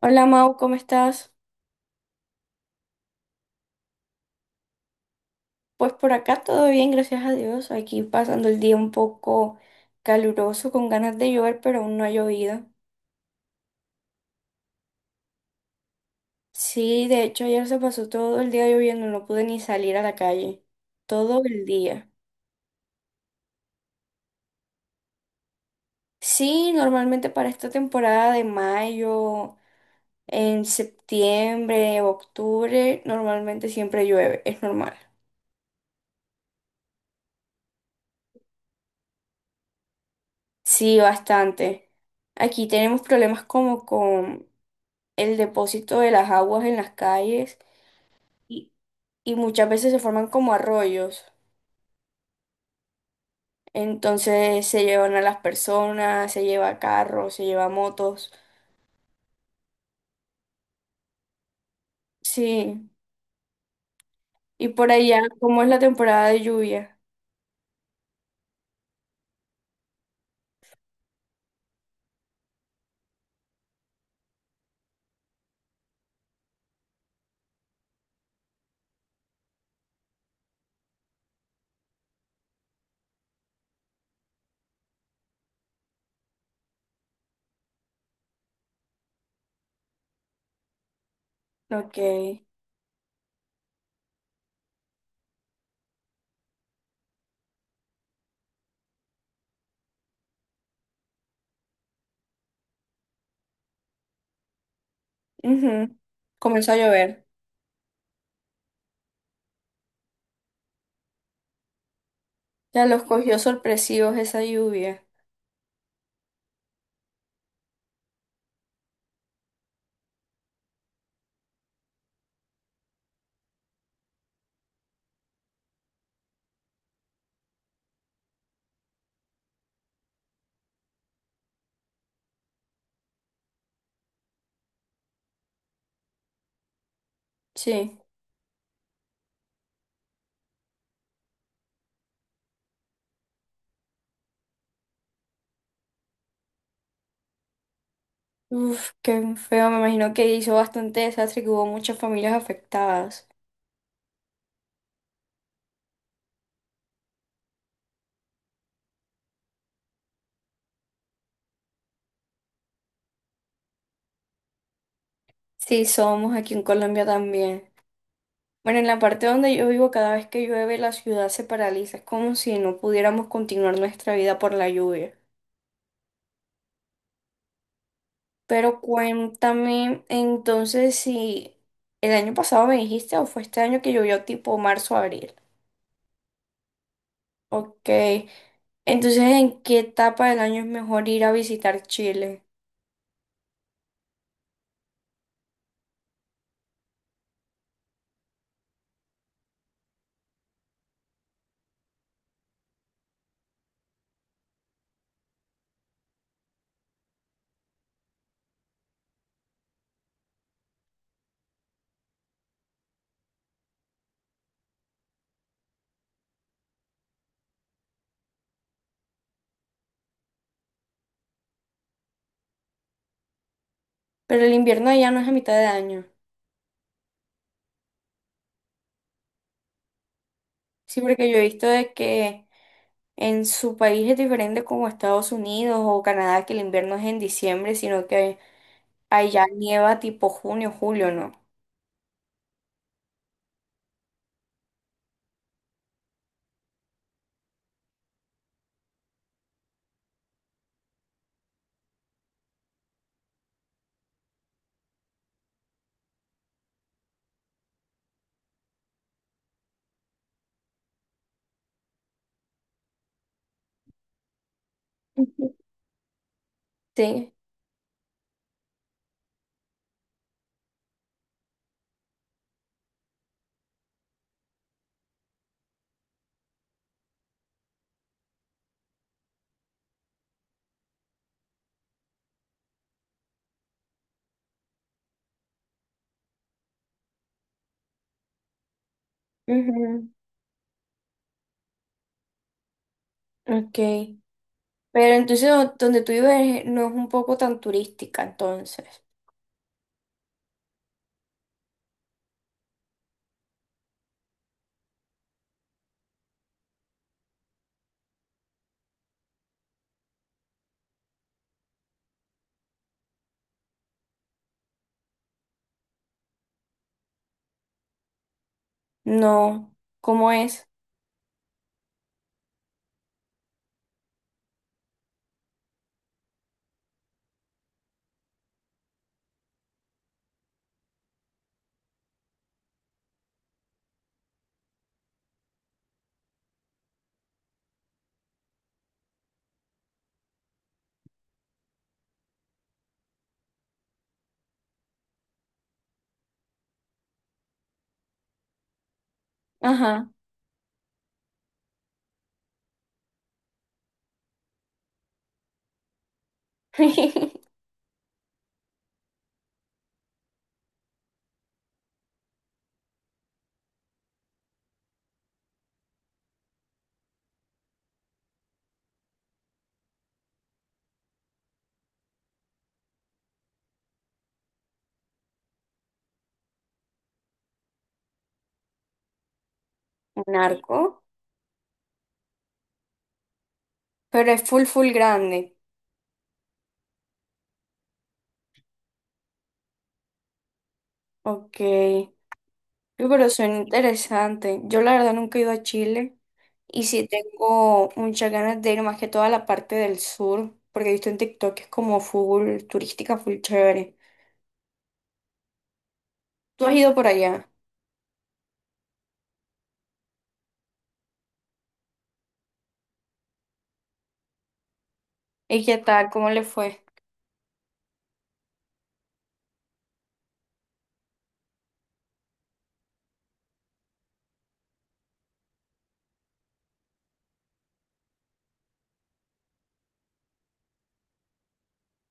Hola Mau, ¿cómo estás? Pues por acá todo bien, gracias a Dios. Aquí pasando el día un poco caluroso, con ganas de llover, pero aún no ha llovido. Sí, de hecho ayer se pasó todo el día lloviendo, no pude ni salir a la calle. Todo el día. Sí, normalmente para esta temporada de mayo, en septiembre, octubre, normalmente siempre llueve, es normal. Sí, bastante. Aquí tenemos problemas como con el depósito de las aguas en las calles y, y muchas veces se forman como arroyos. Entonces se llevan a las personas, se lleva carros, se lleva motos. Sí, y por allá, como es la temporada de lluvia? Ok. Ujú. Comenzó a llover. Ya los cogió sorpresivos esa lluvia. Sí. Uf, qué feo. Me imagino que hizo bastante desastre y que hubo muchas familias afectadas. Sí, somos aquí en Colombia también. Bueno, en la parte donde yo vivo, cada vez que llueve, la ciudad se paraliza. Es como si no pudiéramos continuar nuestra vida por la lluvia. Pero cuéntame entonces, si el año pasado me dijiste o fue este año que llovió tipo marzo, abril. Ok. Entonces, ¿en qué etapa del año es mejor ir a visitar Chile? Pero el invierno allá no es a mitad de año. Sí, porque yo he visto de que en su país es diferente como Estados Unidos o Canadá, que el invierno es en diciembre, sino que ahí ya nieva tipo junio, julio, ¿no? Ujú. Sí. Ujú. Ok. Pero entonces donde tú vives no es un poco tan turística, entonces. No. ¿Cómo es? Ajá. Un arco. Pero es full, full grande. Ok. Uy, pero suena interesante. Yo la verdad nunca he ido a Chile. Y sí tengo muchas ganas de ir, más que toda la parte del sur. Porque he visto en TikTok que es como full turística, full chévere. ¿Tú has ido por allá? ¿Y qué tal? ¿Cómo le fue?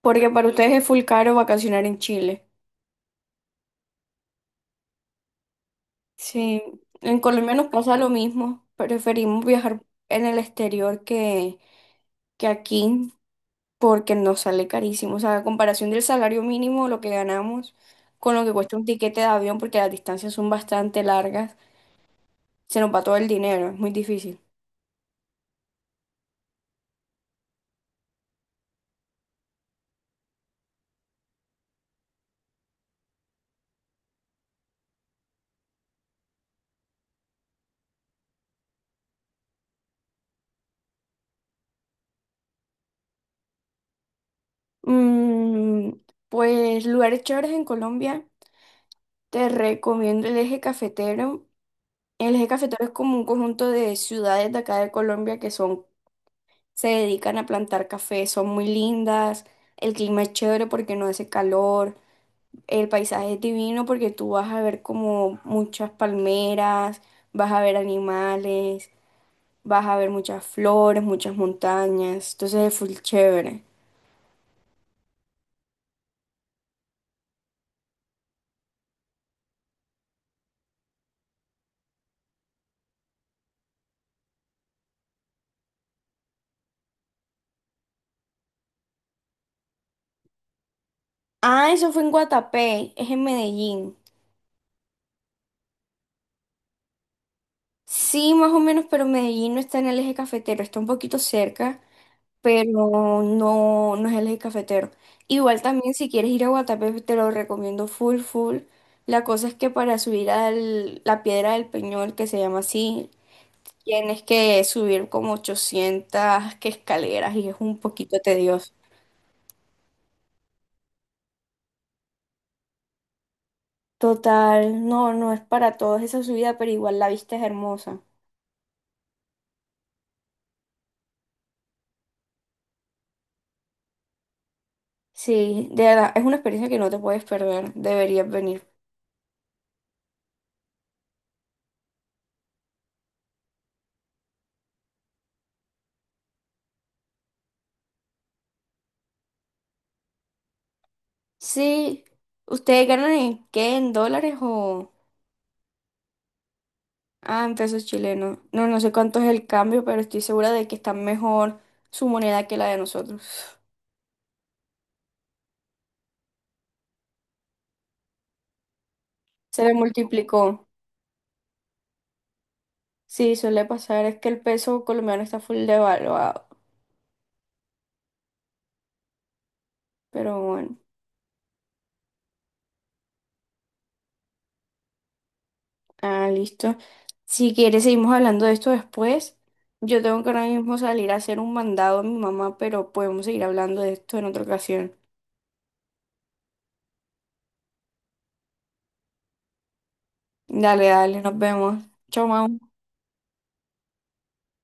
Porque para ustedes es full caro vacacionar en Chile. Sí, en Colombia nos pasa lo mismo. Preferimos viajar en el exterior que aquí porque nos sale carísimo. O sea, a comparación del salario mínimo, lo que ganamos con lo que cuesta un tiquete de avión, porque las distancias son bastante largas, se nos va todo el dinero, es muy difícil. Mm, pues lugares chéveres en Colombia, te recomiendo el eje cafetero. El eje cafetero es como un conjunto de ciudades de acá de Colombia que son, se dedican a plantar café, son muy lindas, el clima es chévere porque no hace calor, el paisaje es divino porque tú vas a ver como muchas palmeras, vas a ver animales, vas a ver muchas flores, muchas montañas, entonces es full chévere. Ah, eso fue en Guatapé, es en Medellín. Sí, más o menos, pero Medellín no está en el eje cafetero, está un poquito cerca. Pero no, no es el eje cafetero. Igual también si quieres ir a Guatapé, te lo recomiendo full, full. La cosa es que para subir a la Piedra del Peñol, que se llama así, tienes que subir como 800 que escaleras y es un poquito tedioso. Total, no, no es para todos esa subida, pero igual la vista es hermosa. Sí, de verdad, es una experiencia que no te puedes perder, deberías venir. Sí, ¿ustedes ganan en qué? ¿En dólares o...? Ah, en pesos chilenos. No, no sé cuánto es el cambio, pero estoy segura de que está mejor su moneda que la de nosotros. Se le multiplicó. Sí, suele pasar. Es que el peso colombiano está full devaluado. Pero bueno, ah, listo. Si quieres, seguimos hablando de esto después. Yo tengo que ahora mismo salir a hacer un mandado a mi mamá, pero podemos seguir hablando de esto en otra ocasión. Dale, dale, nos vemos. Chao, mamá.